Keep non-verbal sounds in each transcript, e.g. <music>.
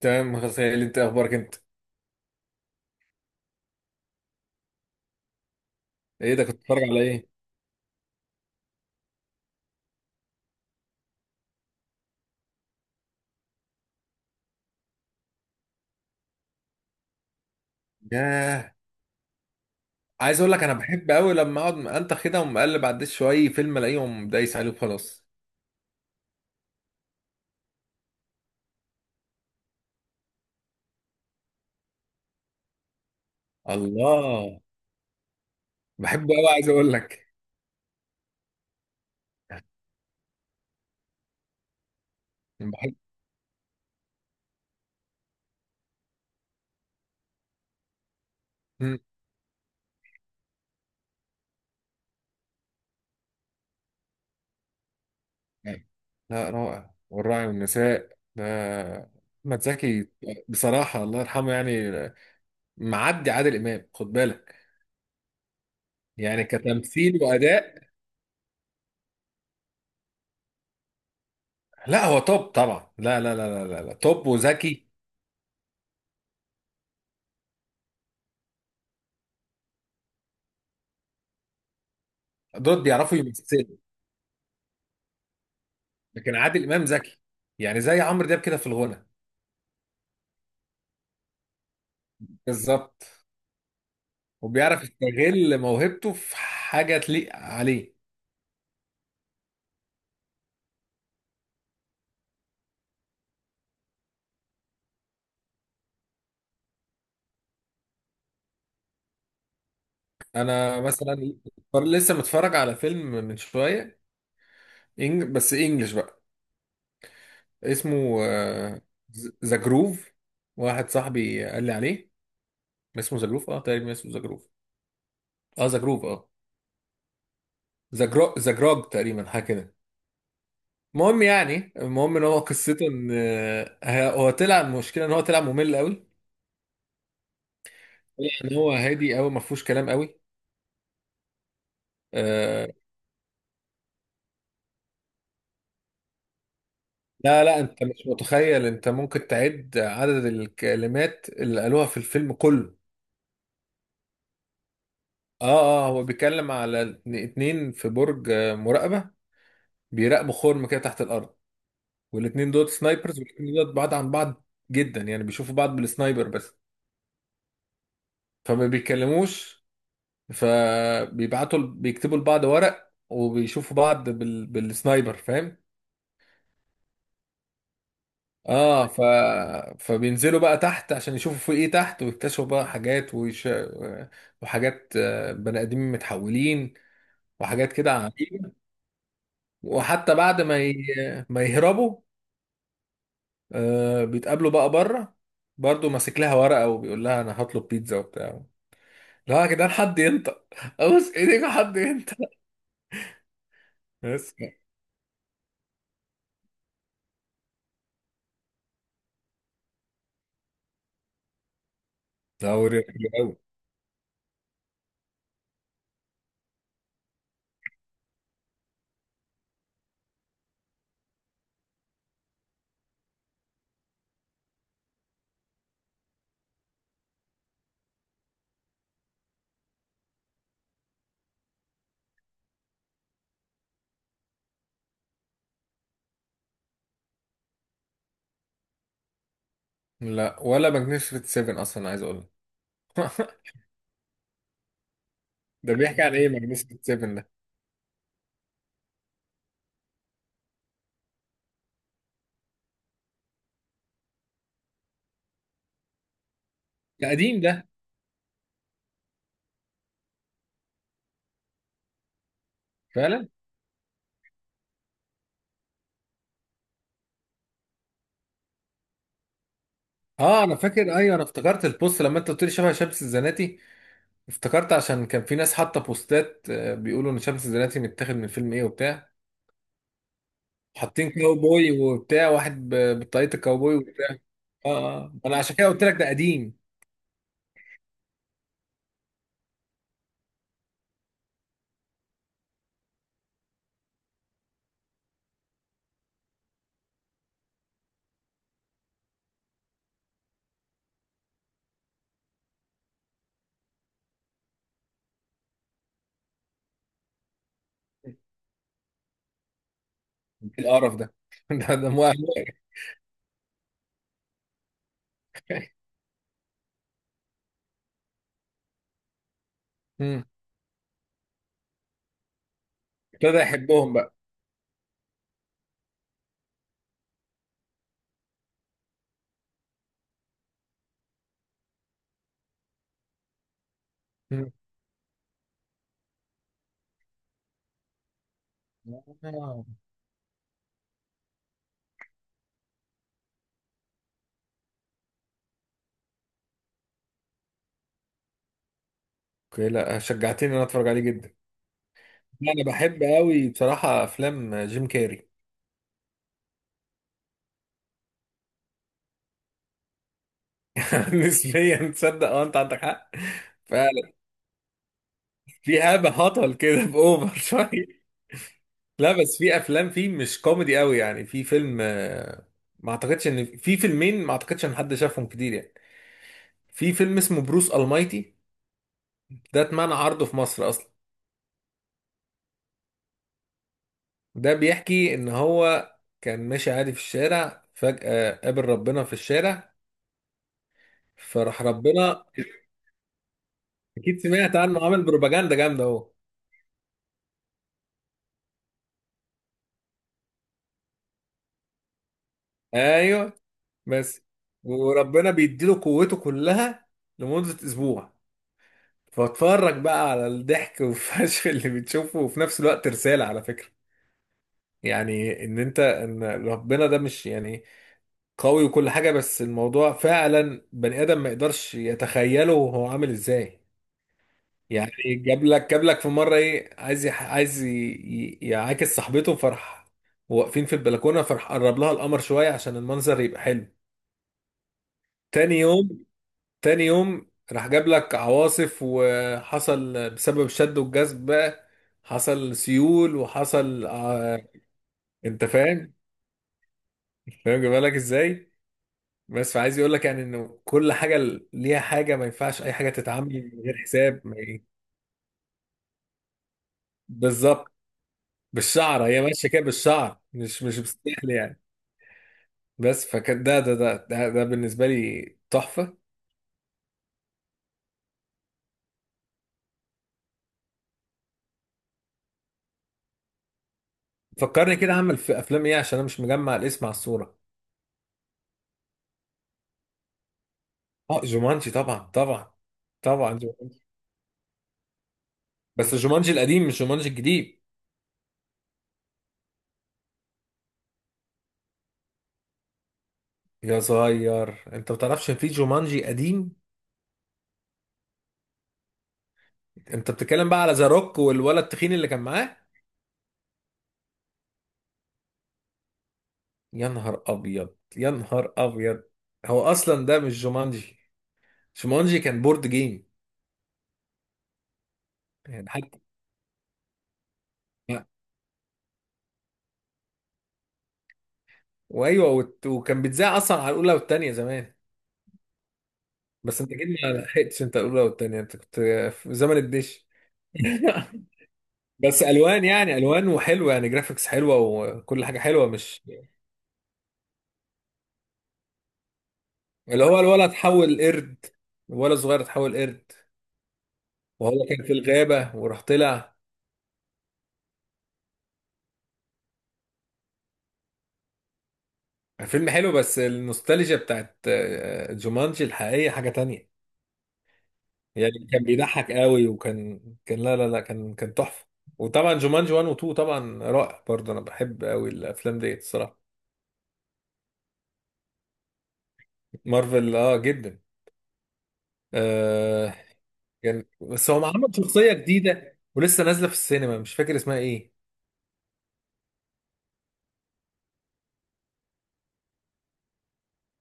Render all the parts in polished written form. تمام غسيل، انت اخبارك انت؟ ايه ده، كنت بتتفرج على ايه؟ ياه. عايز اقول لك انا بحب قوي لما اقعد انت كده ومقلب على الدش شويه فيلم الاقيهم دايس عليه وخلاص. الله، بحبه قوي عايز اقول لك بحب. مم. لا، رائع، والراعي والنساء ده احمد زكي. بصراحه الله يرحمه يعني. معدي عادل امام، خد بالك. يعني كتمثيل واداء. لا، هو توب طبعا، لا. توب وذكي. دول بيعرفوا يمثلوا. لكن عادل امام ذكي، يعني زي عمرو دياب كده في الغنى. بالظبط. وبيعرف يستغل موهبته في حاجه تليق عليه. انا مثلا لسه متفرج على فيلم من شويه، بس انجلش بقى. اسمه ذا جروف. واحد صاحبي قال لي عليه، اسمه ذا جروف، اه تقريبا اسمه ذا جروف اه. ذا جروف اه. ذا جروج تقريبا، حاجه كده. المهم ان هو قصته ان هو طلع، المشكله ان هو طلع ممل قوي. يعني هو هادي قوي، ما فيهوش كلام قوي. آه. لا لا، انت مش متخيل، انت ممكن تعد عدد الكلمات اللي قالوها في الفيلم كله. اه اه. هو بيتكلم على اتنين في برج مراقبة. بيراقبوا خرم كده تحت الارض. والاتنين دول سنايبرز، والاتنين دول بعاد عن بعض جدا. يعني بيشوفوا بعض بالسنايبر بس، فما بيتكلموش. فبيبعتوا بيكتبوا لبعض ورق، وبيشوفوا بعض بالسنايبر، فاهم. اه. فبينزلوا بقى تحت عشان يشوفوا في ايه تحت، ويكتشفوا بقى حاجات وحاجات، بني ادمين متحولين، وحاجات كده عجيبة. وحتى بعد ما يهربوا، آه، بيتقابلوا بقى بره برضه، ماسك لها ورقة وبيقول لها انا هطلب بيتزا وبتاع. لا يا جدعان، حد ينطق، ابوس ايديك حد ينطق بس. دوري حلو قوي. لا، ولا ماجنيفيسنت 7 اصلا عايز اقول لك. <laughs> ده بيحكي عن ايه ماجنيفيسنت 7 ده؟ ده قديم ده؟ فعلا. اه انا فاكر، ايوه انا افتكرت البوست لما انت قلت لي شبه شمس الزناتي. افتكرت عشان كان في ناس حاطه بوستات، بيقولوا ان شمس الزناتي متاخد من فيلم ايه وبتاع. حاطين كاوبوي وبتاع، واحد بطاقية الكاوبوي وبتاع. اه اه آه. انا عشان كده قلت لك ده قديم. إيه القرف ده؟ <laughs> ده ده مو. <laughs> مم. ابتدى يحبهم بقى. مم. آه. اوكي، لا شجعتني ان انا اتفرج عليه جدا. لا، انا بحب قوي بصراحه افلام جيم كاري. <laughs> نسبيا، تصدق اه انت عندك حق. فعلا. في هبه هطل كده، <laughs> باوفر شويه. لا بس في افلام فيه مش كوميدي قوي. يعني في فيلم، ما اعتقدش ان في فيلمين ما اعتقدش ان حد شافهم كتير، يعني. في فيلم اسمه بروس المايتي. ده اتمنع عرضه في مصر اصلا. ده بيحكي ان هو كان ماشي عادي في الشارع، فجأة قابل ربنا في الشارع. فراح ربنا، اكيد سمعت عنه، عامل بروباجندا جامده اهو. ايوه بس. وربنا بيديله قوته كلها لمدة اسبوع. فاتفرج بقى على الضحك <laughs> والفشل اللي بتشوفه، وفي نفس الوقت رسالة على فكرة. يعني ان انت، ان ربنا ده مش يعني قوي وكل حاجة بس، الموضوع فعلا بني ادم ما يقدرش يتخيله هو عامل ازاي. يعني جاب لك في مرة ايه، عايز عايز يعاكس صاحبته فرح. واقفين في البلكونة فرح، قرب لها القمر شوية عشان المنظر يبقى حلو. تاني يوم، تاني يوم راح جاب لك عواصف، وحصل بسبب الشد والجذب بقى، حصل سيول وحصل آه. انت فاهم، فاهم جايبها لك ازاي. بس، فعايز يقول لك يعني انه كل حاجه ليها حاجه، ما ينفعش اي حاجه تتعامل من غير حساب ما ي- بالظبط. بالشعر هي ماشيه كده، بالشعر مش بالسحل يعني. بس فكان ده بالنسبه لي تحفه. فكرني كده اعمل في افلام ايه، عشان انا مش مجمع الاسم على الصوره. اه جومانجي طبعا طبعا طبعا. بس جومانجي القديم مش جومانجي الجديد. يا صغير، انت ما تعرفش ان في جومانجي قديم؟ انت بتتكلم بقى على ذا روك والولد التخين اللي كان معاه. يا نهار ابيض، يا نهار ابيض. هو اصلا ده مش جومانجي. جومانجي كان بورد جيم. يعني حتى، وايوه، وكان بيتذاع اصلا على الاولى والثانيه زمان. بس انت جيت ما لحقتش انت الاولى والثانيه، انت كنت في زمن الدش. <laughs> بس الوان، يعني الوان وحلوه، يعني جرافيكس حلوه وكل حاجه حلوه، مش. اللي هو الولد اتحول قرد، الولد صغير اتحول قرد وهو كان في الغابة وراح طلع. فيلم حلو، بس النوستالجيا بتاعت جومانجي الحقيقية حاجة تانية. يعني كان بيضحك قوي، وكان كان، لا لا لا كان كان تحفة. وطبعا جومانجي 1 و 2 طبعا رائع برضه. انا بحب قوي الافلام ديت الصراحة. مارفل اه جدا. آه. كان بس هو عمل شخصية جديدة ولسه نازلة في السينما، مش فاكر اسمها ايه.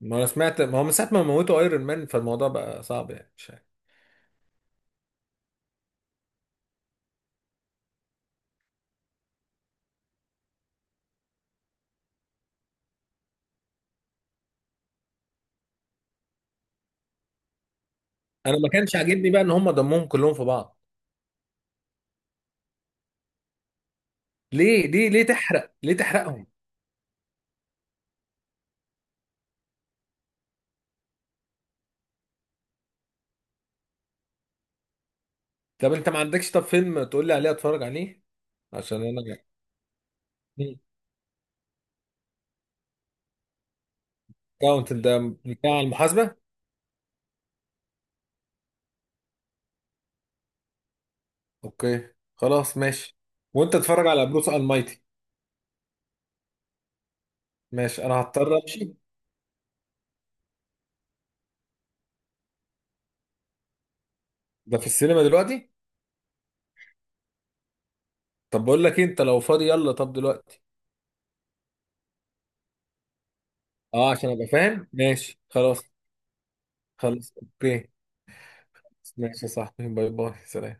ما انا سمعت، ما هو من ساعة ما موتوا ايرون مان فالموضوع بقى صعب يعني. انا ما كانش عاجبني بقى ان هم دمهم كلهم في بعض. ليه ليه ليه تحرق، ليه تحرقهم؟ طب انت ما عندكش طب فيلم تقول لي عليه اتفرج عليه عشان انا. كاونت ده بتاع المحاسبه؟ اوكي، خلاص ماشي. وانت اتفرج على بروس المايتي. ماشي، انا هضطر امشي. ده في السينما دلوقتي؟ طب بقول لك إيه، انت لو فاضي يلا طب دلوقتي. اه عشان ابقى فاهم، ماشي خلاص. خلاص اوكي. ماشي يا صاحبي، باي باي، سلام.